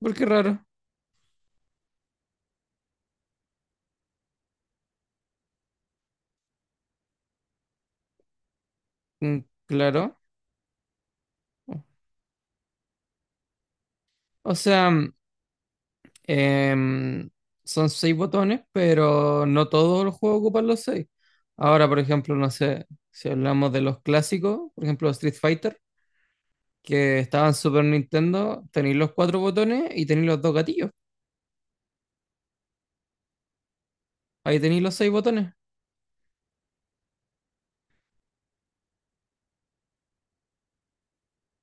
¿Por qué raro? Mm, claro. O sea, em, son seis botones, pero no todos los juegos ocupan los seis. Ahora, por ejemplo, no sé, si hablamos de los clásicos, por ejemplo, Street Fighter, que estaban en Super Nintendo, tenéis los cuatro botones y tenéis los dos gatillos. Ahí tenéis los seis botones.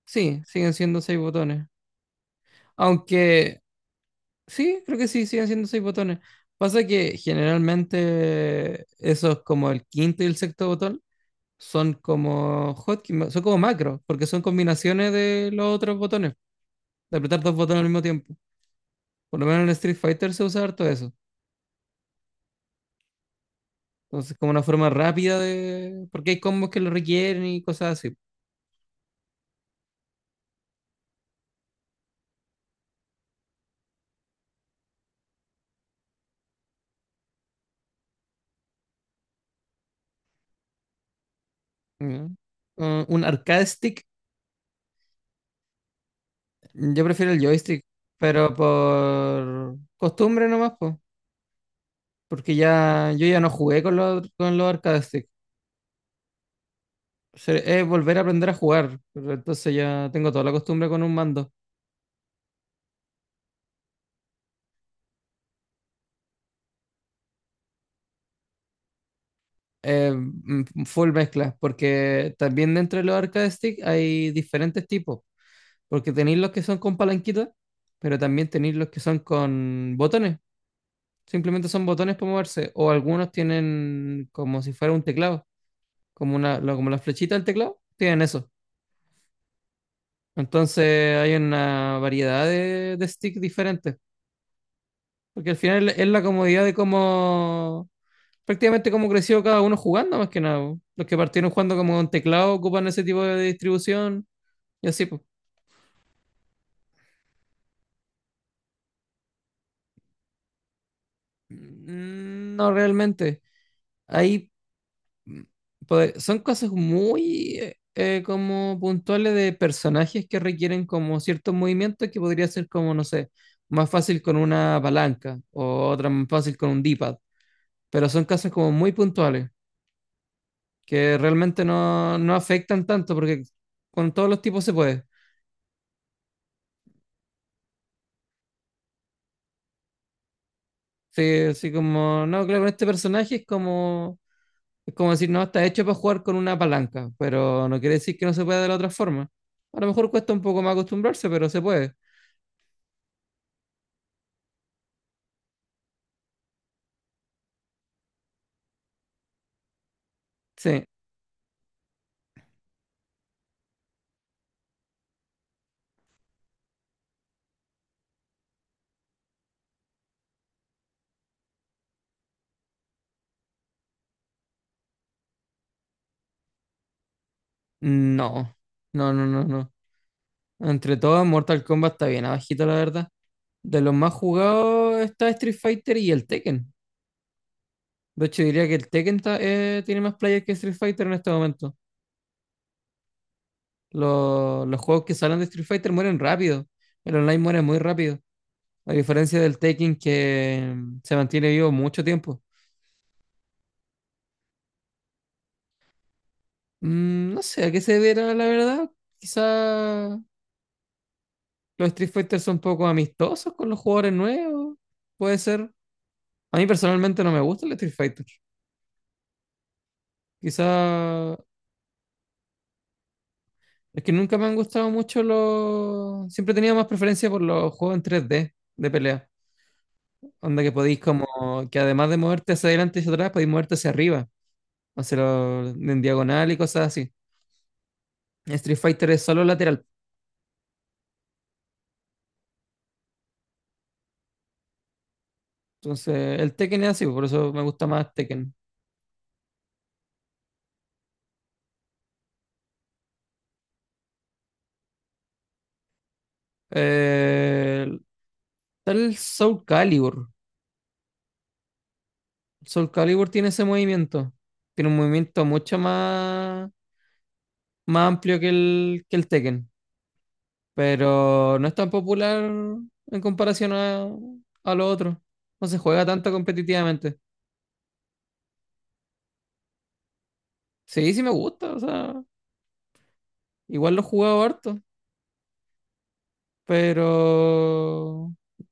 Sí, siguen siendo seis botones. Aunque, sí, creo que sí, siguen siendo seis botones. Pasa que generalmente eso es como el quinto y el sexto botón son como hotkeys, son como macros, porque son combinaciones de los otros botones, de apretar dos botones al mismo tiempo. Por lo menos en Street Fighter se usa harto eso. Entonces, como una forma rápida de. Porque hay combos que lo requieren y cosas así. ¿Ya? Un arcade stick, yo prefiero el joystick, pero por costumbre nomás, pues. Porque ya yo ya no jugué con los arcade stick. Es volver a aprender a jugar. Pero entonces ya tengo toda la costumbre con un mando. Full mezcla, porque también dentro de los arcade stick hay diferentes tipos, porque tenéis los que son con palanquita, pero también tenéis los que son con botones, simplemente son botones para moverse, o algunos tienen como si fuera un teclado, como la flechita del teclado, tienen eso. Entonces hay una variedad de stick diferentes, porque al final es la comodidad de cómo prácticamente como creció cada uno jugando, más que nada. Los que partieron jugando como con teclado ocupan ese tipo de distribución y así, pues. No realmente. Hay, pues, son cosas muy como puntuales de personajes que requieren como ciertos movimientos que podría ser como, no sé, más fácil con una palanca o otra más fácil con un D-pad. Pero son casos como muy puntuales que realmente no afectan tanto porque con todos los tipos se puede. Sí, así como, no, claro, con este personaje es como decir, no, está hecho para jugar con una palanca, pero no quiere decir que no se pueda de la otra forma. A lo mejor cuesta un poco más acostumbrarse, pero se puede. Sí, no, no, no, no, no. Entre todos, Mortal Kombat está bien abajito, la verdad. De los más jugados está Street Fighter y el Tekken. De hecho, diría que el Tekken tiene más players que Street Fighter en este momento. Los juegos que salen de Street Fighter mueren rápido. El online muere muy rápido. A diferencia del Taking que se mantiene vivo mucho tiempo. No sé a qué se deberá, la verdad. Quizá los Street Fighter son poco amistosos con los jugadores nuevos. Puede ser. A mí personalmente no me gusta el Street Fighter. Quizá es que nunca me han gustado mucho los. Siempre tenía más preferencia por los juegos en 3D de pelea. Onda que podéis, como. Que además de moverte hacia adelante y hacia atrás, podéis moverte hacia arriba. Hacia en diagonal y cosas así. Street Fighter es solo lateral. Entonces, el Tekken es así, por eso me gusta más Tekken. Eh, está el Soul Calibur. El Soul Calibur tiene ese movimiento. Tiene un movimiento mucho más, más amplio que el Tekken. Pero no es tan popular en comparación a lo otro. No se juega tanto competitivamente. Sí, sí me gusta. O sea, igual lo he jugado harto. Pero.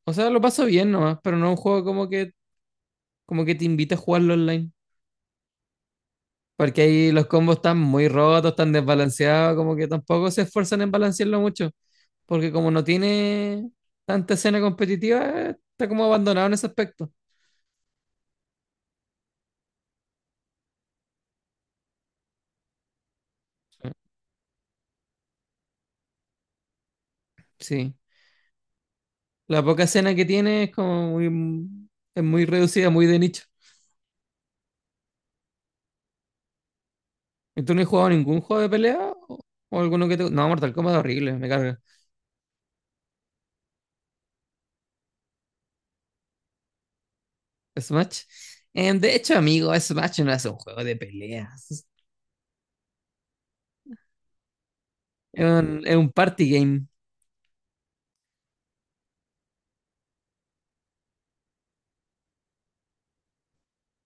O sea, lo paso bien nomás. Pero no es un juego como que te invita a jugarlo online. Porque ahí los combos están muy rotos, están desbalanceados, como que tampoco se esfuerzan en balancearlo mucho. Porque como no tiene tanta escena competitiva, está como abandonado en ese aspecto. Sí. La poca escena que tiene es es muy reducida, muy de nicho. ¿Y tú no has jugado ningún juego de pelea? ¿O, o alguno que te... No, Mortal Kombat es horrible, me carga. Smash. De hecho, amigo, Smash no es un juego de peleas. Es un party game.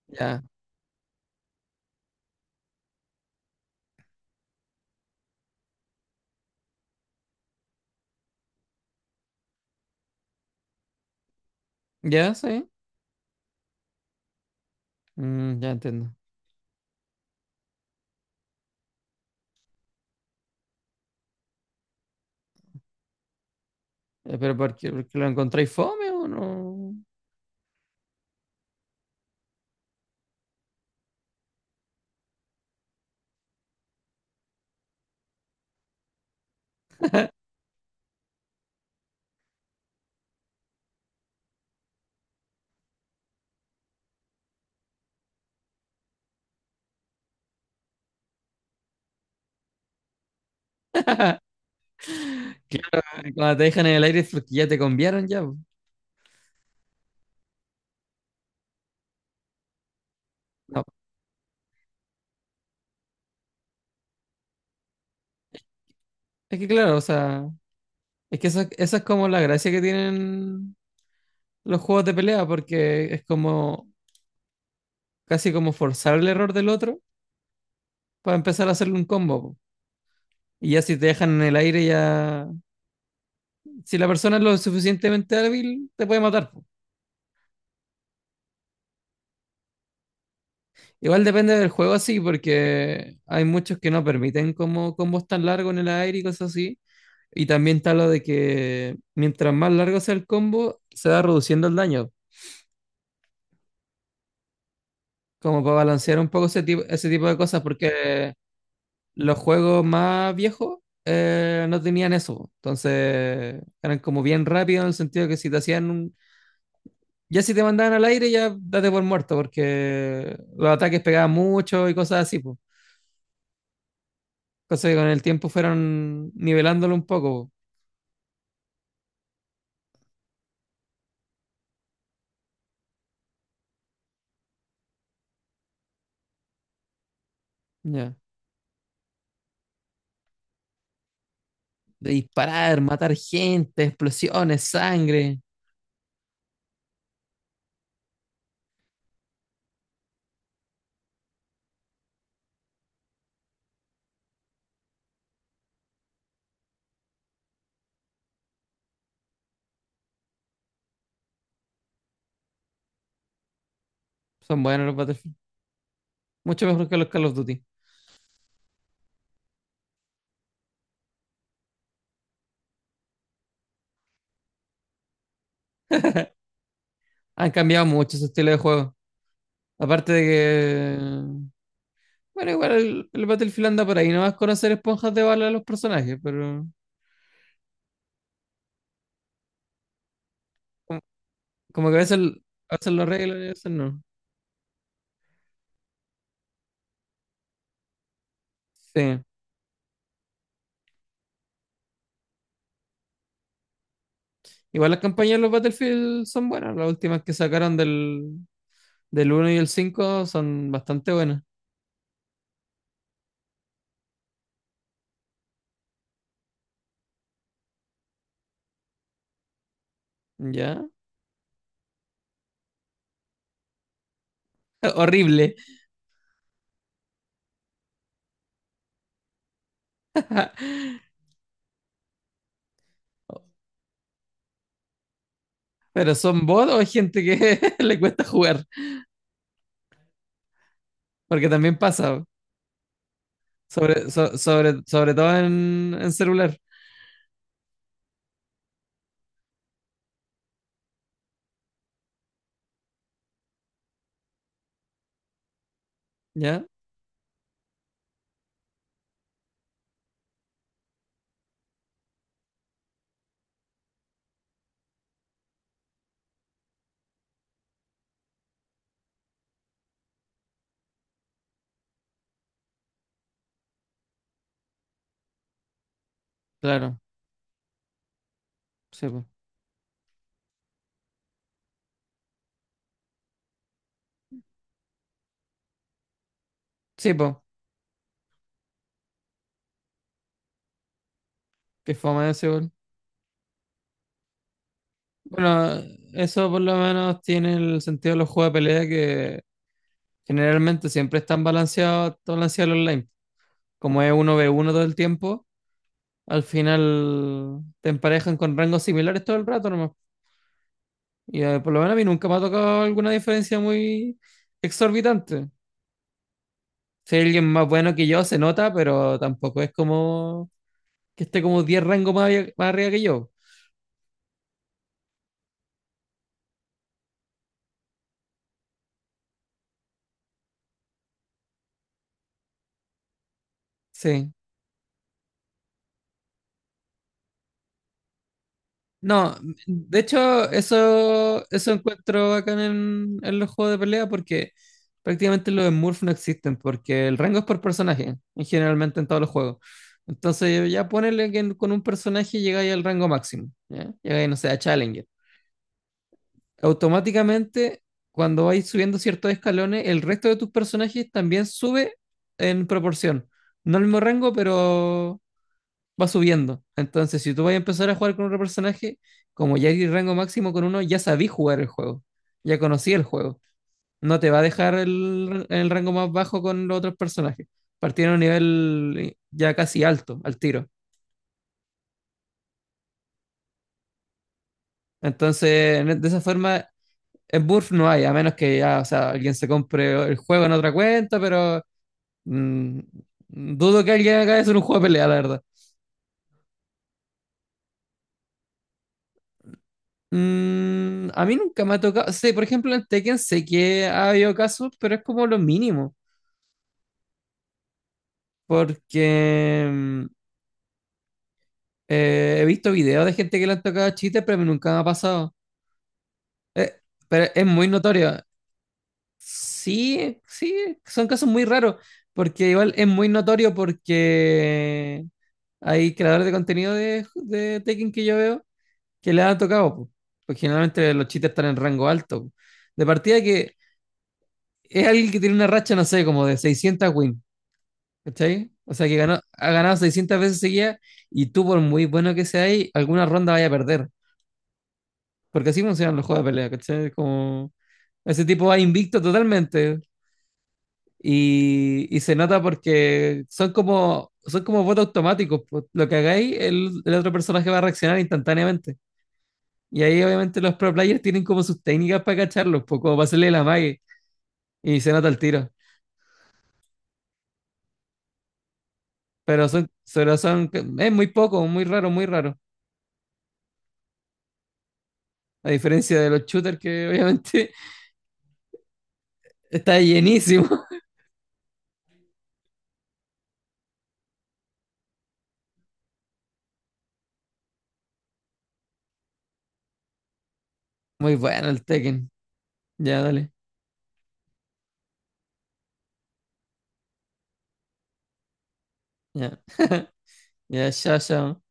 Ya. ¿Ya? ¿Sí? Ya entiendo. ¿Pero por qué? ¿Porque lo encontráis fome o no? Claro, cuando te dejan en el aire es porque ya te conviaron ya. po. No. Es que claro, o sea, es que eso es como la gracia que tienen los juegos de pelea, porque es como casi como forzar el error del otro para empezar a hacerle un combo. Po. Y ya si te dejan en el aire, ya. Si la persona es lo suficientemente hábil, te puede matar. Po. Igual depende del juego así, porque hay muchos que no permiten como combos tan largos en el aire y cosas así. Y también está lo de que mientras más largo sea el combo, se va reduciendo el daño, como para balancear un poco ese tipo de cosas, porque los juegos más viejos no tenían eso. Entonces eran como bien rápidos en el sentido que si te hacían un... Ya si te mandaban al aire, ya date por muerto, porque los ataques pegaban mucho y cosas así, pues. Cosas que con el tiempo fueron nivelándolo un poco. Po. Ya. De disparar, matar gente, explosiones, sangre. Son buenos los Battlefield. Mucho mejor que los Call of Duty. Han cambiado mucho su estilo de juego. Aparte de que. Bueno, igual el Battlefield anda por ahí, no vas a conocer esponjas de bala a los personajes, pero como que a veces lo arreglan y a veces no. Sí. Igual las campañas de los Battlefield son buenas. Las últimas que sacaron del, del uno y el cinco son bastante buenas. ¿Ya? Horrible. Pero son bots o hay gente que le cuesta jugar. Porque también pasa. Sobre todo en celular. ¿Ya? Claro. Sí, po. Sí, po. Qué fome ese gol. Bueno, eso por lo menos tiene el sentido de los juegos de pelea que generalmente siempre están balanceados, todo balanceado el online. Como es 1v1 todo el tiempo, al final te emparejan con rangos similares todo el rato nomás. Y por lo menos a mí nunca me ha tocado alguna diferencia muy exorbitante. Si hay alguien más bueno que yo, se nota, pero tampoco es como que esté como 10 rangos más, más arriba que yo. Sí. No, de hecho, eso encuentro acá en los juegos de pelea porque prácticamente los Smurfs no existen, porque el rango es por personaje, en generalmente en todos los juegos. Entonces, ya ponele que con un personaje llegáis al rango máximo, ¿ya? Llegáis, no sé, a Challenger. Automáticamente, cuando vais subiendo ciertos escalones, el resto de tus personajes también sube en proporción. No al mismo rango, pero va subiendo. Entonces, si tú vas a empezar a jugar con otro personaje, como ya hay rango máximo con uno, ya sabí jugar el juego, ya conocí el juego. No te va a dejar el rango más bajo con los otros personajes. Partieron a un nivel ya casi alto, al tiro. Entonces, de esa forma, en Burf no hay, a menos que ya, o sea, alguien se compre el juego en otra cuenta, pero mm, dudo que alguien haga eso en un juego de pelea, la verdad. A mí nunca me ha tocado. Sí, por ejemplo, en Tekken sé que ha habido casos, pero es como lo mínimo. Porque he visto videos de gente que le han tocado chistes, pero a mí nunca me ha pasado. Eh, pero es muy notorio. Sí, sí, son casos muy raros. Porque igual es muy notorio porque hay creadores de contenido de Tekken que yo veo que le han tocado. Po. Porque generalmente los chistes están en rango alto. Po. De partida que es alguien que tiene una racha, no sé, como de 600 wins, ¿cachai? O sea, que ha ganado 600 veces seguidas y tú, por muy bueno que sea ahí, alguna ronda vaya a perder. Porque así funcionan los juegos de pelea, ¿cachai? Como ese tipo va invicto totalmente y se nota porque son como votos automáticos. Pues, lo que hagáis, el otro personaje va a reaccionar instantáneamente. Y ahí obviamente los pro players tienen como sus técnicas para cacharlos, pues, como para hacerle la mague y se nota el tiro. Pero es muy poco, muy raro, muy raro. A diferencia de los shooters que obviamente está llenísimo. Muy bueno el Tekken. Ya, dale. Ya, ya, chao, chao.